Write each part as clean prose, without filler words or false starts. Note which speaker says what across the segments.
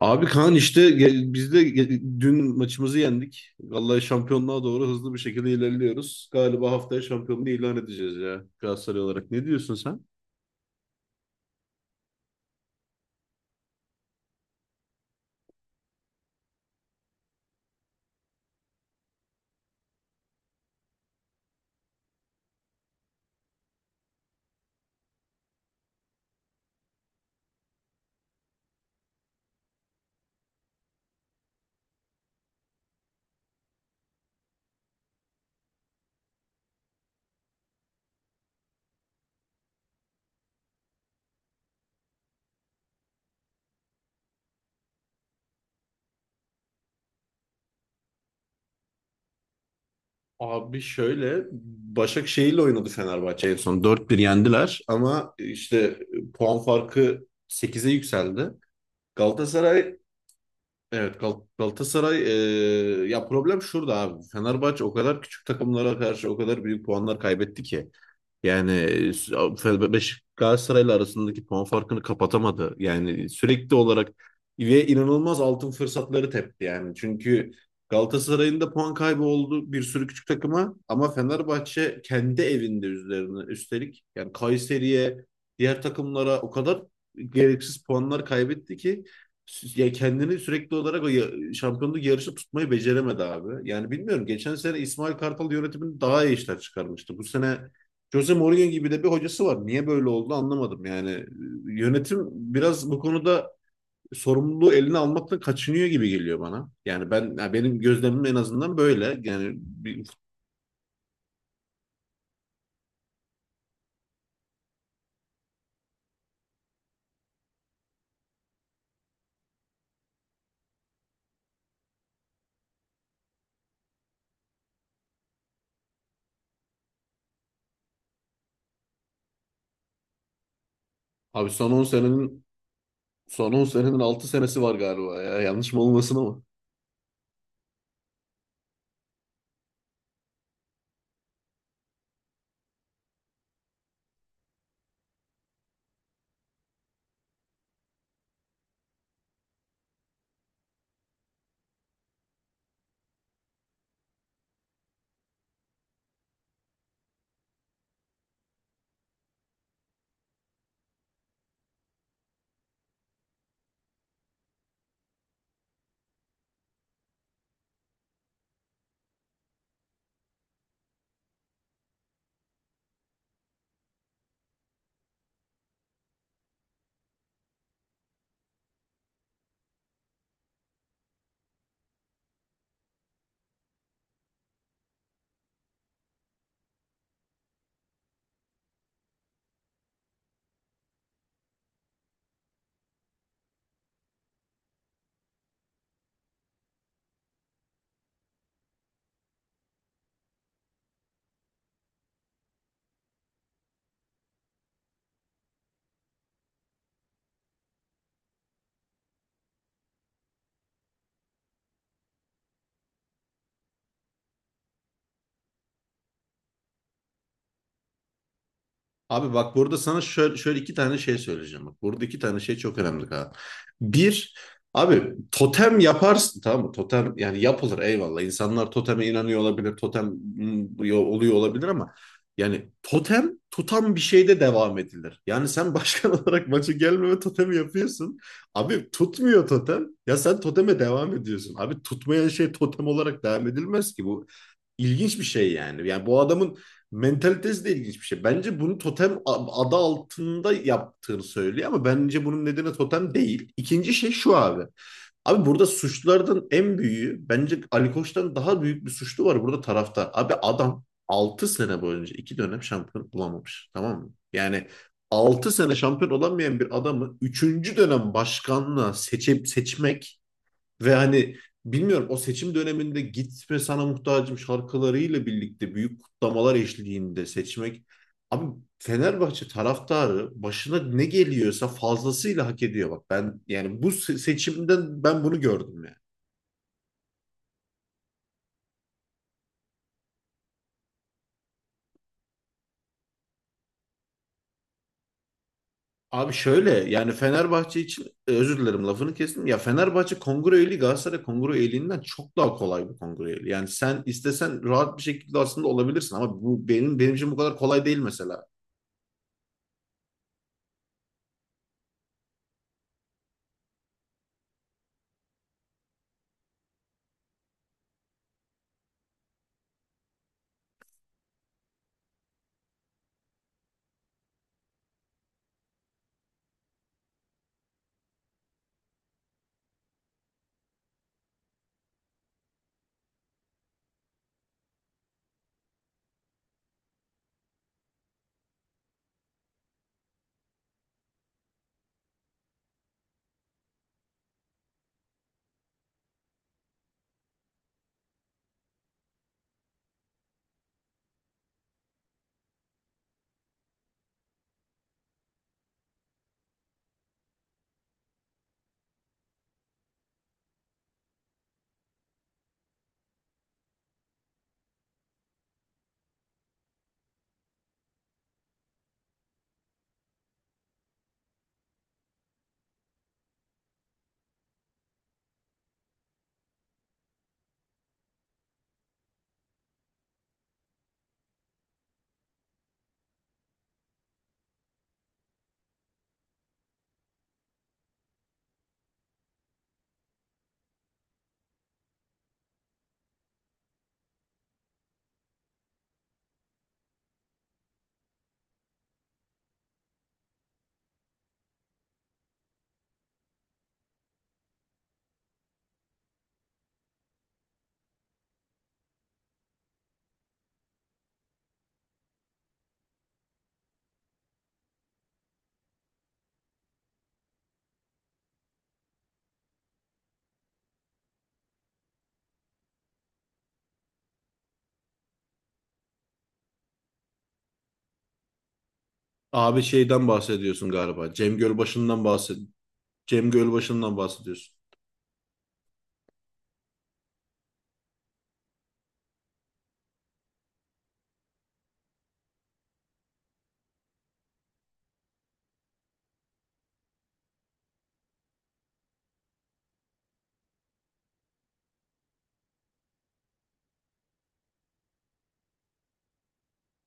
Speaker 1: Abi Kaan işte dün maçımızı yendik. Vallahi şampiyonluğa doğru hızlı bir şekilde ilerliyoruz. Galiba haftaya şampiyonluğu ilan edeceğiz ya Galatasaray olarak. Ne diyorsun sen? Abi şöyle, Başakşehir'le oynadı Fenerbahçe en son. Dört 1 yendiler, ama işte puan farkı sekize yükseldi. Galatasaray. Evet, Galatasaray, ya problem şurada abi. Fenerbahçe o kadar küçük takımlara karşı o kadar büyük puanlar kaybetti ki. Yani Fe- Beş Galatasaray'la arasındaki puan farkını kapatamadı. Yani sürekli olarak ve inanılmaz altın fırsatları tepti yani. Çünkü Galatasaray'ın da puan kaybı oldu bir sürü küçük takıma, ama Fenerbahçe kendi evinde üzerine üstelik, yani Kayseri'ye, diğer takımlara o kadar gereksiz puanlar kaybetti ki ya kendini sürekli olarak şampiyonluk yarışı tutmayı beceremedi abi. Yani bilmiyorum, geçen sene İsmail Kartal yönetimini daha iyi işler çıkarmıştı. Bu sene Jose Mourinho gibi de bir hocası var. Niye böyle oldu anlamadım yani. Yönetim biraz bu konuda sorumluluğu eline almaktan kaçınıyor gibi geliyor bana. Yani ben, ya benim gözlemim en azından böyle. Yani bir, abi son 10 senenin 6 senesi var galiba ya. Yanlış mı olmasın ama. Abi bak, burada sana şöyle, şöyle iki tane şey söyleyeceğim. Bak, burada iki tane şey çok önemli, Kaan. Bir, abi totem yaparsın, tamam mı? Totem yani yapılır, eyvallah. İnsanlar toteme inanıyor olabilir, totem oluyor olabilir, ama yani totem tutan bir şeyde devam edilir. Yani sen başkan olarak maça gelmeme totemi yapıyorsun. Abi tutmuyor totem. Ya sen toteme devam ediyorsun. Abi tutmayan şey totem olarak devam edilmez ki bu. İlginç bir şey yani. Yani bu adamın mentalitesi de ilginç bir şey. Bence bunu totem adı altında yaptığını söylüyor, ama bence bunun nedeni totem değil. İkinci şey şu abi. Abi burada suçlulardan en büyüğü, bence Ali Koç'tan daha büyük bir suçlu var burada: taraftar. Abi adam 6 sene boyunca 2 dönem şampiyon olamamış, tamam mı? Yani 6 sene şampiyon olamayan bir adamı üçüncü dönem başkanlığa seçip seçmek ve hani, bilmiyorum, o seçim döneminde Gitme Sana Muhtacım şarkılarıyla birlikte büyük kutlamalar eşliğinde seçmek. Abi Fenerbahçe taraftarı başına ne geliyorsa fazlasıyla hak ediyor, bak. Ben yani bu seçimden ben bunu gördüm yani. Abi şöyle, yani Fenerbahçe için, özür dilerim, lafını kestim. Ya Fenerbahçe kongre üyeliği Galatasaray kongre üyeliğinden çok daha kolay bir kongre üyeliği. Yani sen istesen rahat bir şekilde aslında olabilirsin, ama bu benim için bu kadar kolay değil mesela. Abi şeyden bahsediyorsun galiba. Cem Gölbaşı'ndan bahsediyorsun.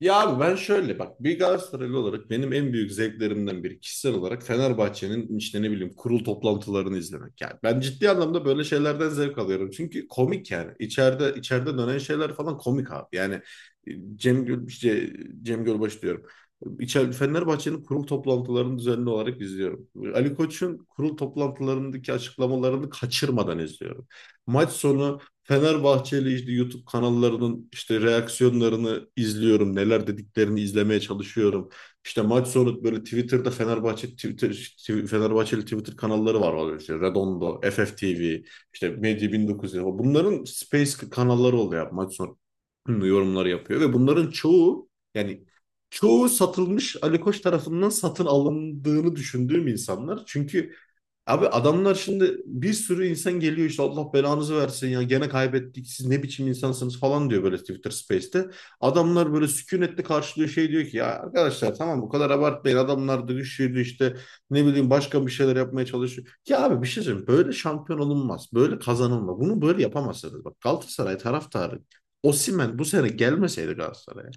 Speaker 1: Ya abi ben şöyle bak, bir Galatasaraylı olarak benim en büyük zevklerimden biri kişisel olarak Fenerbahçe'nin, işte ne bileyim, kurul toplantılarını izlemek. Yani ben ciddi anlamda böyle şeylerden zevk alıyorum. Çünkü komik yani. İçeride dönen şeyler falan komik abi. Yani işte Cem Gölbaş diyorum. İçeride Fenerbahçe'nin kurul toplantılarını düzenli olarak izliyorum. Ali Koç'un kurul toplantılarındaki açıklamalarını kaçırmadan izliyorum. Maç sonu Fenerbahçeli işte YouTube kanallarının işte reaksiyonlarını izliyorum. Neler dediklerini izlemeye çalışıyorum. İşte maç sonu böyle Twitter'da Fenerbahçe Twitter Fenerbahçeli Twitter kanalları var. Var işte Redondo, FFTV, işte Medya 1900. Bunların Space kanalları oluyor. Maç sonu yorumları yapıyor ve bunların çoğu, yani çoğu satılmış, Ali Koç tarafından satın alındığını düşündüğüm insanlar. Çünkü abi adamlar, şimdi bir sürü insan geliyor, işte "Allah belanızı versin ya, gene kaybettik, siz ne biçim insansınız" falan diyor böyle Twitter Space'te. Adamlar böyle sükunetle karşılıyor, şey diyor ki, "ya arkadaşlar, tamam, bu kadar abartmayın, adamlar da güçlüydü, işte ne bileyim", başka bir şeyler yapmaya çalışıyor. Ya abi, bir şey söyleyeyim, böyle şampiyon olunmaz, böyle kazanılmaz, bunu böyle yapamazsınız, bak. Galatasaray taraftarı, Osimhen bu sene gelmeseydi Galatasaray'a,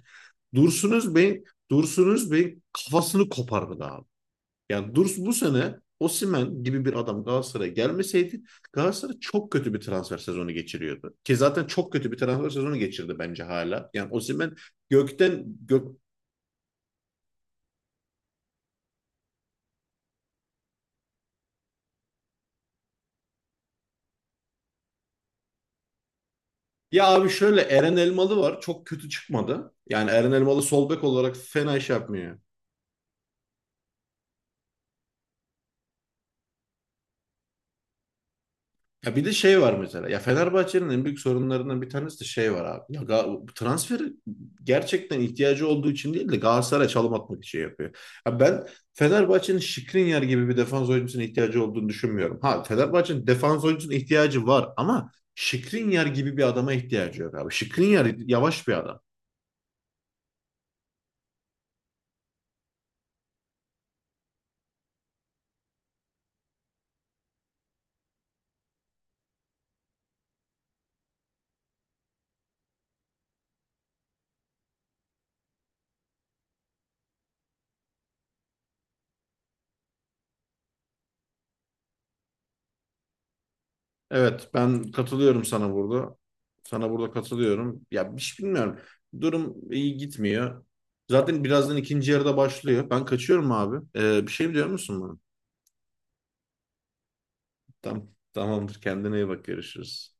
Speaker 1: Dursun Özbey'in Dursun Özbey'in kafasını kopardı, yani Durs, bu sene Osimhen gibi bir adam Galatasaray'a gelmeseydi, Galatasaray çok kötü bir transfer sezonu geçiriyordu. Ki zaten çok kötü bir transfer sezonu geçirdi bence hala. Yani Osimhen gökten gök ya abi şöyle, Eren Elmalı var. Çok kötü çıkmadı. Yani Eren Elmalı sol bek olarak fena iş yapmıyor. Ya bir de şey var mesela. Ya Fenerbahçe'nin en büyük sorunlarından bir tanesi de şey var abi. Ya transfer gerçekten ihtiyacı olduğu için değil de Galatasaray'a çalım atmak için yapıyor. Ya ben Fenerbahçe'nin Skriniar gibi bir defans oyuncusuna ihtiyacı olduğunu düşünmüyorum. Ha, Fenerbahçe'nin defans oyuncusuna ihtiyacı var, ama Skriniar gibi bir adama ihtiyacı yok abi. Skriniar yavaş bir adam. Evet, ben katılıyorum sana burada. Sana burada katılıyorum. Ya, bir şey bilmiyorum. Durum iyi gitmiyor. Zaten birazdan ikinci yarıda başlıyor. Ben kaçıyorum abi. Bir şey mi diyor musun bana? Tamam, tamamdır. Kendine iyi bak. Görüşürüz.